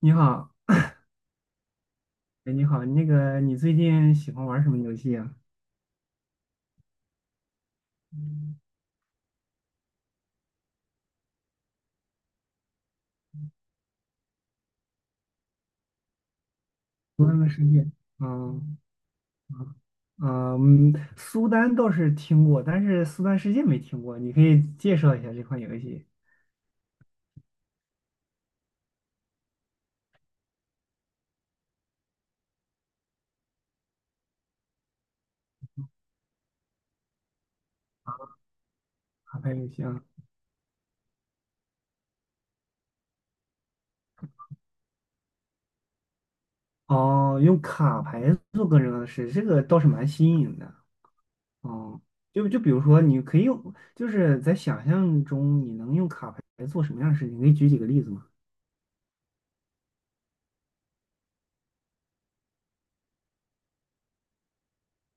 你好，哎，你好，那个，你最近喜欢玩什么游戏啊？苏丹的世界，嗯嗯，苏丹倒是听过，但是苏丹世界没听过，你可以介绍一下这款游戏。卡牌游戏啊？哦，用卡牌做个人的事，这个倒是蛮新颖的。哦，就比如说，你可以用，就是在想象中，你能用卡牌来做什么样的事情？你可以举几个例子吗？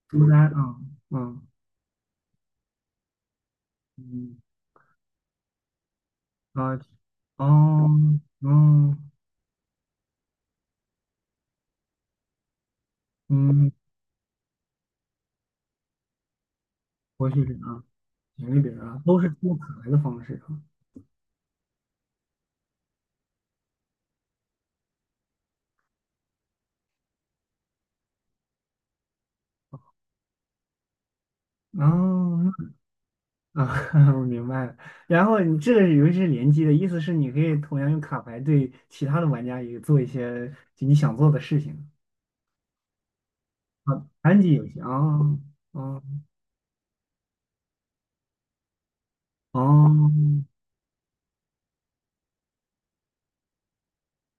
苏丹啊，嗯嗯啊，哦，嗯嗯。活曲饼啊、卷饼饼啊，都是做卡牌的方式啊。哦，啊，我明白了。然后你这个游戏是联机的，意思是你可以同样用卡牌对其他的玩家也做一些就你想做的事情啊。单机游戏啊，啊，哦，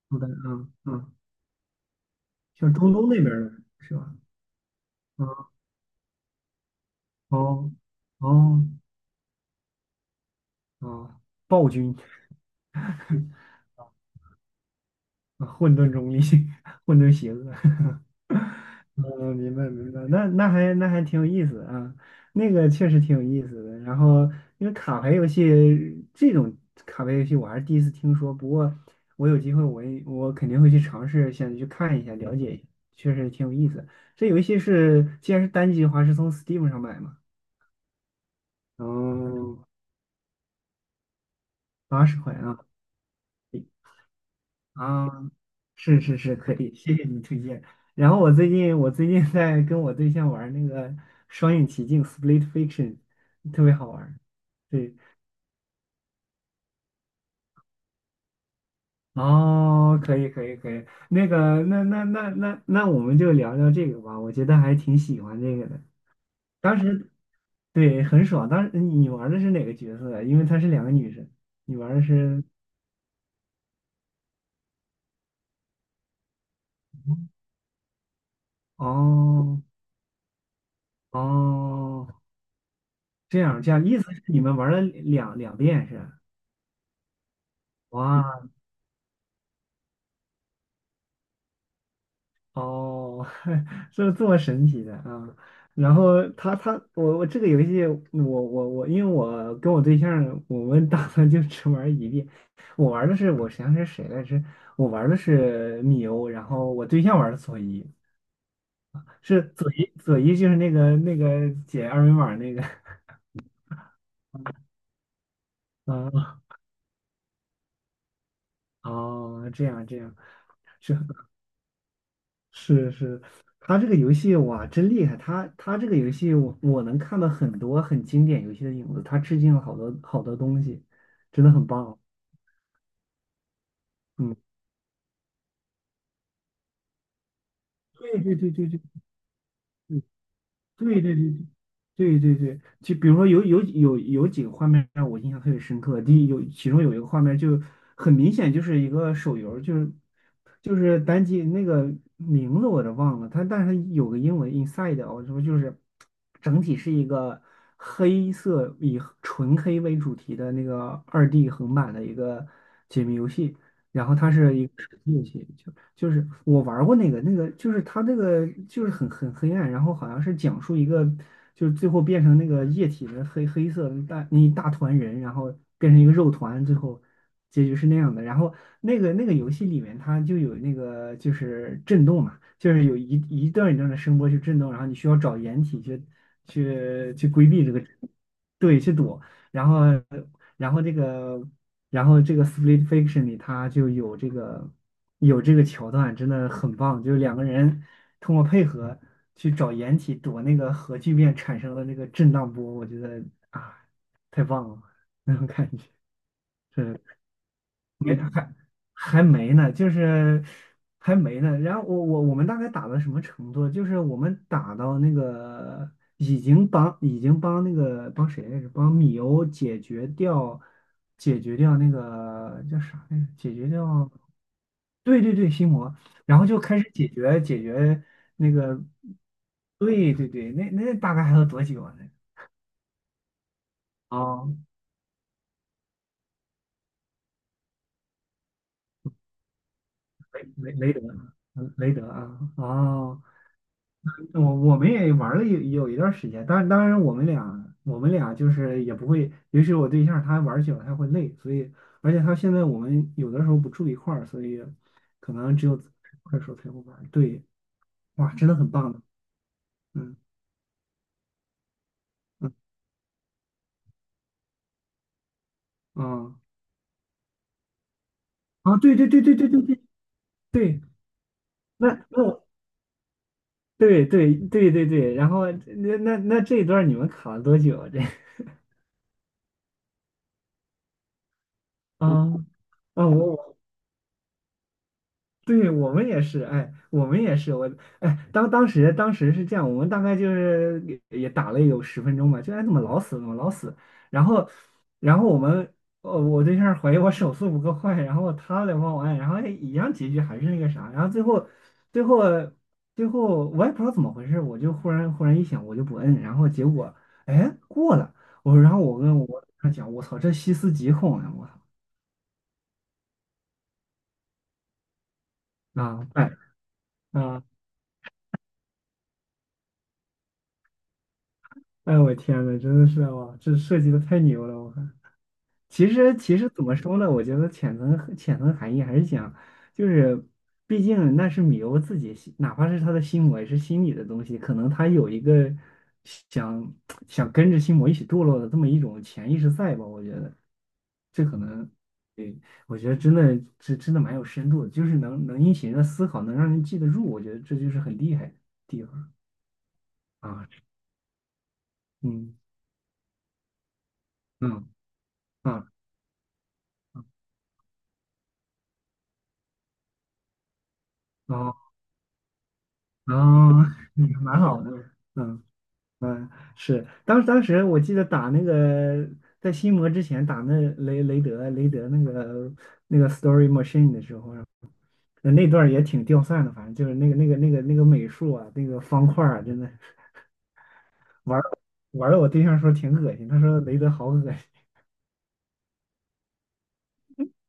好的，嗯嗯，像中东那边儿的是吧？啊，哦哦哦，暴君。混沌中立，混沌邪恶。嗯，明白明白，那还挺有意思啊，那个确实挺有意思的。然后因为卡牌游戏这种卡牌游戏我还是第一次听说，不过我有机会我肯定会去尝试，想去看一下了解一下，确实挺有意思。这游戏是既然是单机的话，是从 Steam 上买吗？哦，八十块啊，是是是，可以，谢谢你推荐。然后我最近在跟我对象玩那个双影奇境 （Split Fiction），特别好玩。对，哦，可以可以可以，那我们就聊聊这个吧，我觉得还挺喜欢这个的。当时对很爽，当时你玩的是哪个角色呀？因为她是两个女生，你玩的是哦哦。这样这样，意思是你们玩了两遍是吧？哇哦，这么神奇的啊！然后他我这个游戏我，因为我跟我对象我们打算就只玩一遍。我玩的是我想想是谁来着？我玩的是米欧，然后我对象玩的佐伊，是佐伊就是那个解二维码那个啊 哦，这样这样。是。是是，他这个游戏哇，真厉害！他这个游戏我，我能看到很多很经典游戏的影子，他致敬了好多好多东西，真的很棒。嗯，对对对对对，对对对对对对，就比如说有几个画面让我印象特别深刻。第一，有其中有一个画面就很明显就是一个手游，就是单机那个名字我都忘了，它但是它有个英文 Inside，我说就是整体是一个黑色以纯黑为主题的那个2D 横版的一个解谜游戏，然后它是一个手机游戏，就是我玩儿过那个。那个就是它那个就是很黑暗，然后好像是讲述一个，就是最后变成那个液体的黑色的大那一大团人，然后变成一个肉团，最后结局是那样的。然后那个游戏里面它就有那个就是震动嘛，就是有一段一段的声波去震动，然后你需要找掩体去规避这个。对，去躲。然后然后这个。然后这个《Split Fiction》里，它就有这个桥段，真的很棒。就是两个人通过配合去找掩体躲那个核聚变产生的那个震荡波，我觉得啊，太棒了，那种感觉。是，对。还没呢，就是还没呢。然后我们大概打到什么程度？就是我们打到那个已经帮那个帮谁来着？帮米欧解决掉那个叫啥来着？解决掉对对对心魔，然后就开始解决那个。对对对，那大概还有多久啊？那哦，雷德，雷德啊，哦。我们也玩了有一段时间，当然我们俩就是也不会，尤其是我对象他玩久了他会累，所以而且他现在我们有的时候不住一块儿，所以可能只有快手块儿的时候才会玩。对，哇，真的很棒的，嗯嗯嗯啊，对对对对对对对对，那我对对对对对，然后那这一段你们卡了多久？啊？这 啊啊，我对。我们也是，哎，我们也是，我哎，当时是这样，我们大概就是也打了有10分钟吧，就哎怎么老死怎么老死，然后然后我们我对象怀疑我手速不够快，然后他来帮我按，然后哎一样结局还是那个啥，然后最后最后我也不知道怎么回事，我就忽然一想我就不摁，然后结果哎过了。我然后我跟我对象讲，我操这细思极恐呀，我操啊哎。啊哎，我天呐，真的是哇，这设计的太牛了！我看，其实怎么说呢？我觉得潜层含义还是讲，就是毕竟那是米欧自己心，哪怕是他的心魔，也是心理的东西，可能他有一个想想跟着心魔一起堕落的这么一种潜意识在吧？我觉得这可能，对，我觉得真的蛮有深度的，就是能引起人的思考，能让人记得住，我觉得这就是很厉害的地方啊！嗯嗯啊啊。然后 蛮好的，嗯嗯，是，当时我记得打那个在心魔之前打那雷德那个 Story Machine 的时候啊，那段儿也挺掉散的，反正就是那个美术啊，那个方块儿啊，真的玩儿玩的我对象说挺恶心，他说雷德好恶心，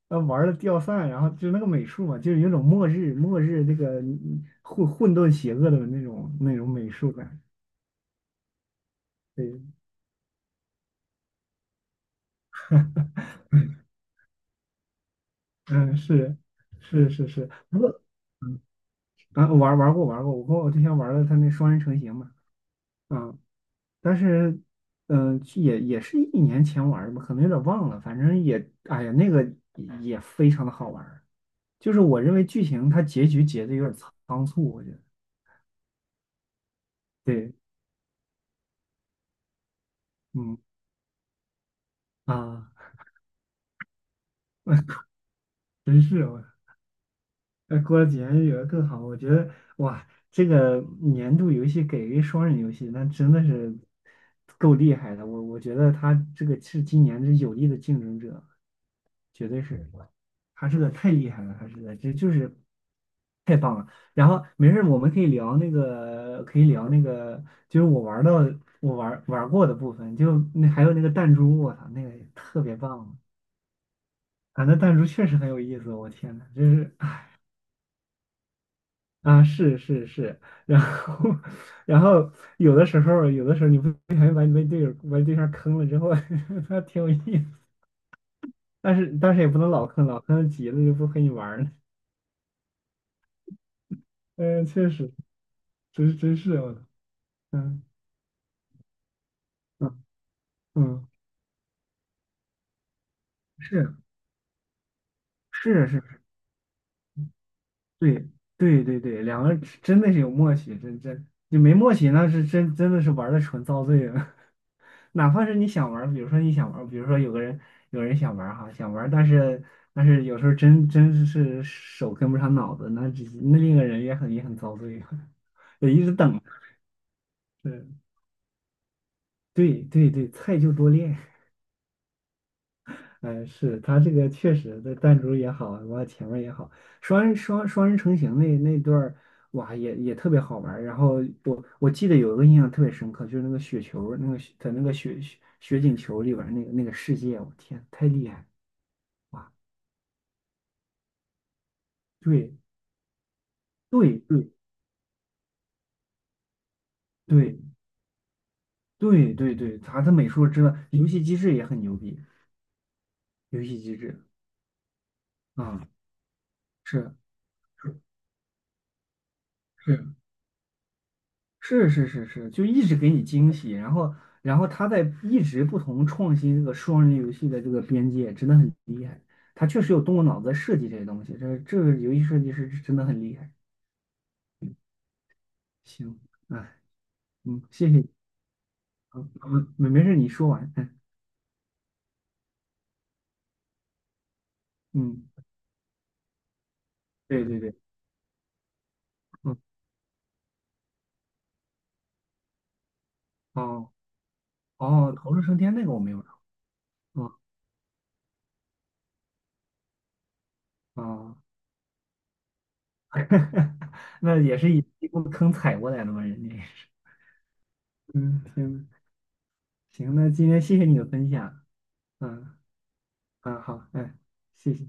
他玩的掉散，然后就是那个美术嘛，就是有种末日那个混沌邪恶的那种美术感。对，嗯是。是是是，不过啊，我玩过，我跟我对象玩了他那双人成行嘛，啊。但是，嗯、也是一年前玩的吧，可能有点忘了，反正也，哎呀，那个也非常的好玩儿，就是我认为剧情它结局结的有点仓促，我觉得。对，嗯啊，真是我。哎，过了几年有的更好。我觉得哇，这个年度游戏给一个双人游戏，那真的是够厉害的，我觉得他这个是今年这有力的竞争者，绝对是，哈士的太厉害了，哈士的这就是太棒了。然后没事儿我们可以聊那个，就是我玩过的部分，就那还有那个弹珠，我操，那个也特别棒。啊！那弹珠确实很有意思，我天呐，就是啊，是是是，然后 然后有的时候你不小心把你被队友把你对象坑了之后，还挺有意思，但是也不能老坑，老坑急了就不和你玩儿了。嗯，确实。真是我的，嗯嗯嗯，是是是，对对对对，两个人真的是有默契，真你没默契那是真的是玩的纯遭罪了。哪怕是你想玩儿比如说有人想玩儿哈，想玩儿但是有时候真是手跟不上脑子，那另一个人也很遭罪啊，也一直等。对对对对，菜就多练。哎，是他这个确实的弹珠也好，完了前面也好，双人成行那段儿，哇，也特别好玩儿。然后我记得有一个印象特别深刻，就是那个雪球儿那个雪在那个雪景球里边儿那个世界，我天，太厉害了哇，对对对对对对对，他的美术真的，游戏机制也很牛逼，游戏机制啊，是是。是是是是是，就一直给你惊喜，然后他在一直不同创新这个双人游戏的这个边界，真的很厉害。他确实有动过脑子设计这些东西，这个游戏设计师真的很厉害。行，哎，嗯，谢谢你，嗯，嗯没事，你说完，嗯，对对对，嗯，哦哦。逃出升天那个我没有玩，嗯哦。那也是一步坑踩过来的嘛，人家也是。嗯，行行，那今天谢谢你的分享。嗯。嗯，好，嗯，谢谢